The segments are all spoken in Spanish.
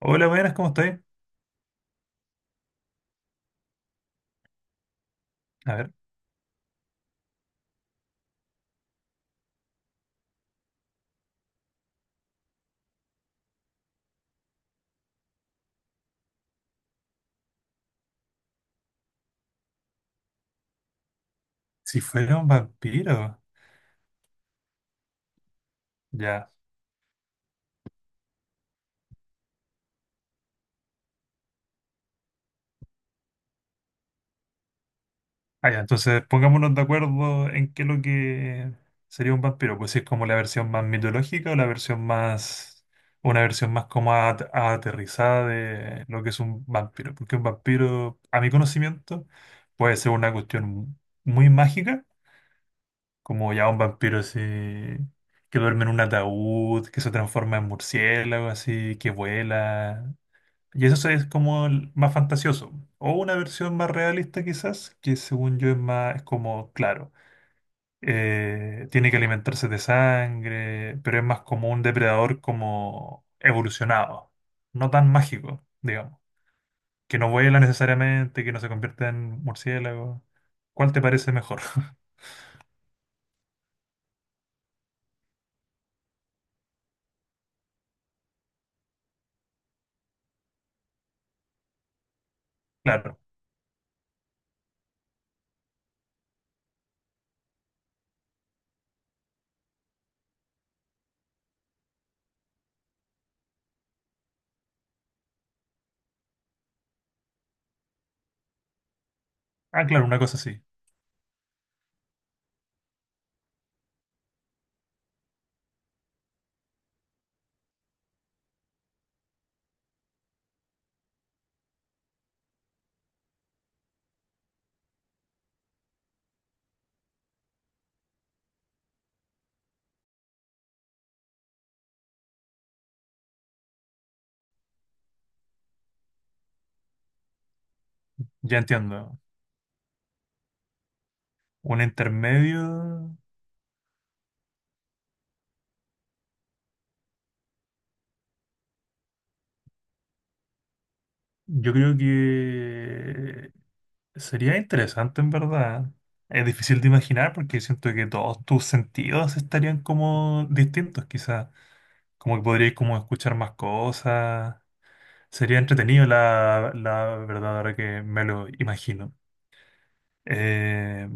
Hola, buenas, ¿cómo estáis? A ver, si fuera un vampiro. Ya. Ah, ya, entonces pongámonos de acuerdo en qué es lo que sería un vampiro. Pues si es como la versión más mitológica o la versión más. Una versión más como aterrizada de lo que es un vampiro. Porque un vampiro, a mi conocimiento, puede ser una cuestión muy mágica, como ya un vampiro así, que duerme en un ataúd, que se transforma en murciélago, así, que vuela. Y eso es como el más fantasioso. O una versión más realista quizás, que según yo es más, es como, claro, tiene que alimentarse de sangre, pero es más como un depredador como evolucionado, no tan mágico, digamos, que no vuela necesariamente, que no se convierta en murciélago. ¿Cuál te parece mejor? Claro. Ah, claro, una cosa así. Ya entiendo. Un intermedio, yo creo que... sería interesante en verdad. Es difícil de imaginar porque siento que todos tus sentidos estarían como distintos, quizás. Como que podrías como escuchar más cosas. Sería entretenido la verdad ahora que me lo imagino. Eh,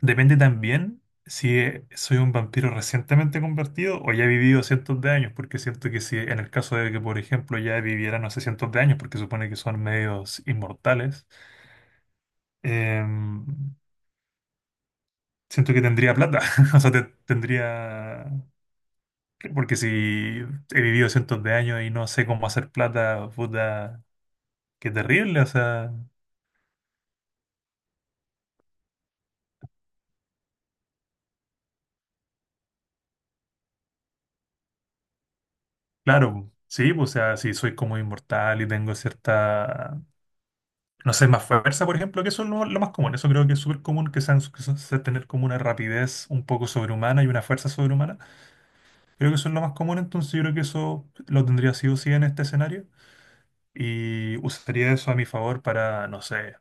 Depende también si soy un vampiro recientemente convertido o ya he vivido cientos de años, porque siento que si en el caso de que, por ejemplo, ya viviera, no sé, cientos de años, porque supone que son medios inmortales. em, Siento que tendría plata, o sea, tendría, porque si he vivido cientos de años y no sé cómo hacer plata, puta, qué terrible, o sea, claro, sí, pues, o sea, si soy como inmortal y tengo cierta, no sé, más fuerza, por ejemplo, que eso es lo más común, eso creo que es súper común, que sean, sea tener como una rapidez un poco sobrehumana y una fuerza sobrehumana, creo que eso es lo más común, entonces yo creo que eso lo tendría sí o sí en este escenario. Y usaría eso a mi favor para, no sé,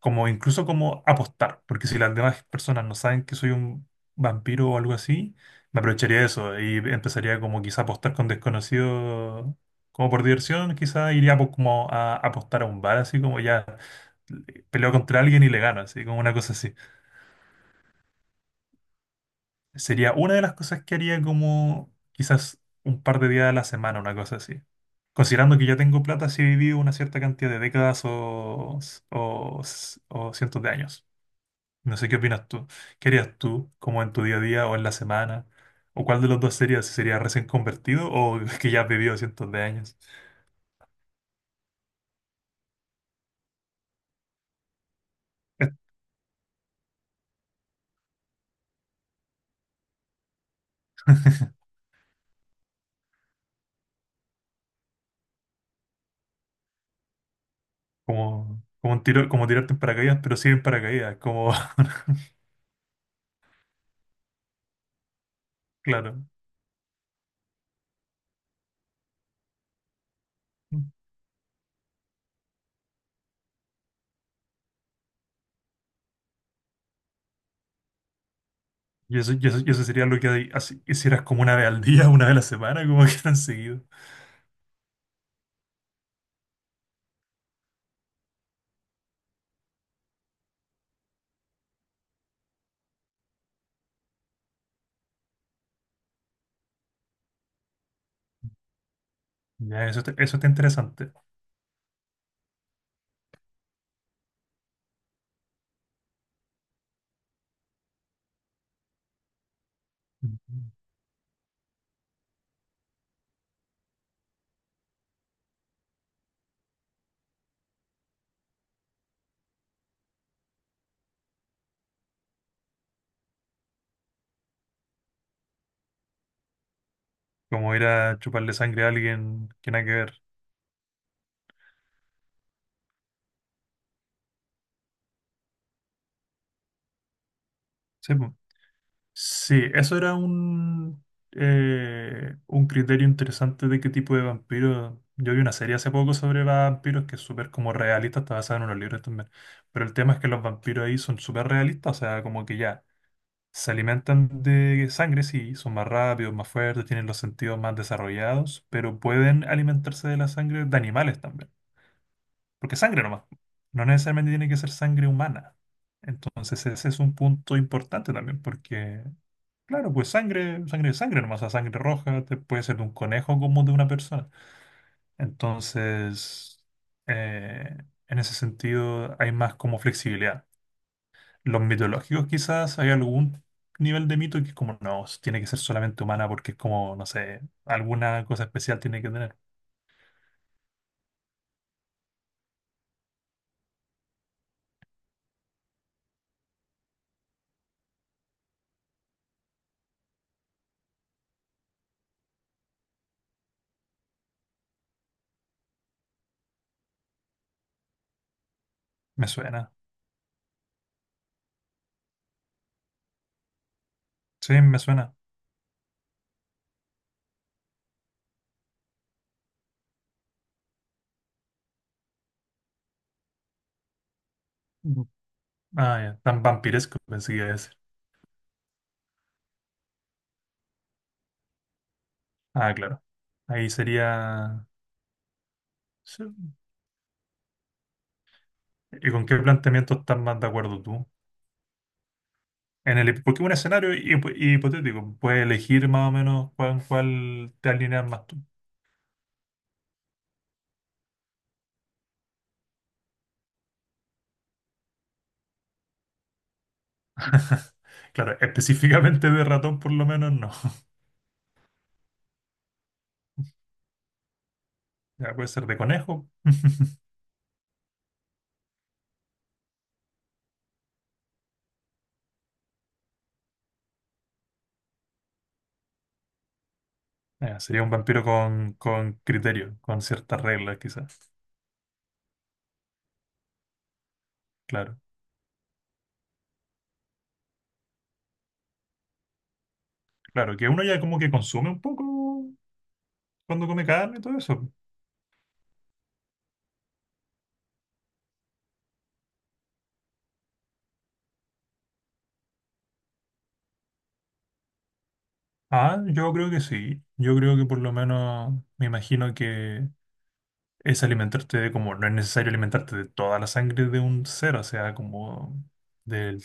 como incluso como apostar, porque si las demás personas no saben que soy un vampiro o algo así, me aprovecharía de eso y empezaría como quizá a apostar con desconocidos, como por diversión, quizá como a apostar a un bar, así como ya peleo contra alguien y le gano, así como una cosa así. Sería una de las cosas que haría como quizás un par de días a la semana, una cosa así. Considerando que ya tengo plata si viví una cierta cantidad de décadas o, o cientos de años. No sé qué opinas tú. ¿Qué harías tú, como en tu día a día o en la semana? ¿O cuál de los dos sería? ¿Si sería recién convertido o que ya has vivido cientos de años? Como, como, un tiro, como tirarte en paracaídas, pero sí en paracaídas. Como, claro. Y eso, y eso, y eso sería lo que hicieras como una vez al día, una vez a la semana, como que tan seguido. Ya, eso, eso está interesante. Ujú. Como ir a chuparle sangre a alguien que nada que ver. Sí, po. Sí, eso era un criterio interesante de qué tipo de vampiro. Yo vi una serie hace poco sobre vampiros que es súper como realista, está basada en unos libros también. Pero el tema es que los vampiros ahí son súper realistas, o sea, como que ya. Se alimentan de sangre, sí, son más rápidos, más fuertes, tienen los sentidos más desarrollados, pero pueden alimentarse de la sangre de animales también. Porque sangre nomás, no necesariamente tiene que ser sangre humana. Entonces ese es un punto importante también, porque, claro, pues sangre, sangre es sangre nomás, o sea, sangre roja puede ser de un conejo como de una persona. Entonces, eh, en ese sentido hay más como flexibilidad. Los mitológicos quizás hay algún nivel de mito que es como, no, tiene que ser solamente humana porque es como, no sé, alguna cosa especial tiene que tener. Me suena. Sí, me suena. Mm. Ah, ya. Tan vampiresco pensé que iba a decir. Ah, claro. Ahí sería... sí. ¿Y con qué planteamiento estás más de acuerdo tú? Porque un escenario hipotético, puedes elegir más o menos cuál te alineas más tú. Claro, específicamente de ratón por lo menos no. Ya puede ser de conejo. Ah, sería un vampiro con criterio, con ciertas reglas quizás. Claro, claro, que uno ya como que consume un poco cuando come carne y todo eso. Ah, yo creo que sí. Yo creo que por lo menos me imagino que es alimentarte de como, no es necesario alimentarte de toda la sangre de un ser, o sea, como del,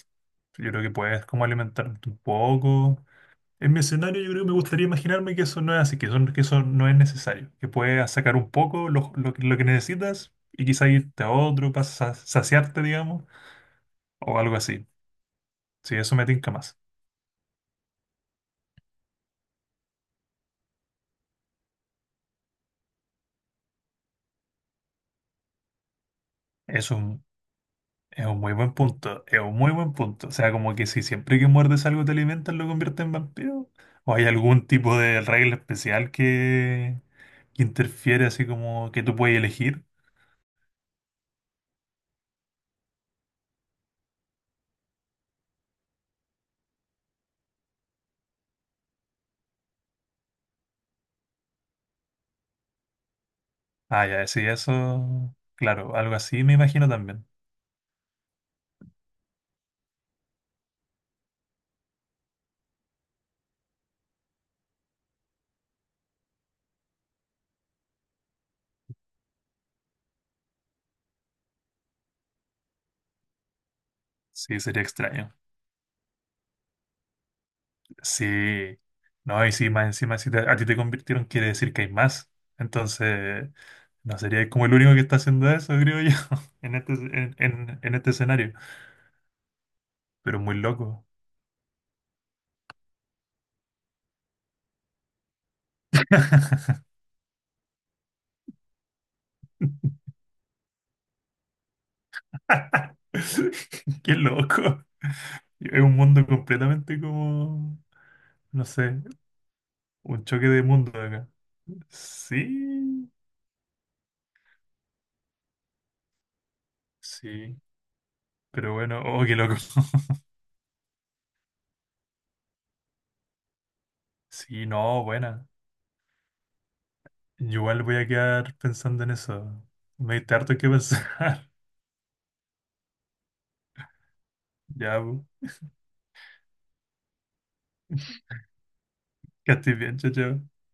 yo creo que puedes como alimentarte un poco. En mi escenario yo creo que me gustaría imaginarme que eso no es así, que eso no es necesario, que puedes sacar un poco lo que necesitas y quizá irte a otro para saciarte, digamos, o algo así. Sí, eso me tinca más. Es un, es un muy buen punto, es un muy buen punto. O sea, como que si siempre que muerdes algo te alimentas, lo conviertes en vampiro. ¿O hay algún tipo de regla especial que interfiere así como que tú puedes elegir? Ah, ya, sí, eso, claro, algo así me imagino también. Sí, sería extraño. Sí, no, y si más encima, si a ti te convirtieron, quiere decir que hay más. Entonces, no sería como el único que está haciendo eso, creo yo, en en este escenario. Pero muy loco. Qué loco. Es un mundo completamente como, no sé, un choque de mundo acá. Sí, sí. Pero bueno, oh, qué loco. Sí, no, buena. Yo igual voy a quedar pensando en eso. Me diste harto que pensar. Ya, que estés bien, chao, chao.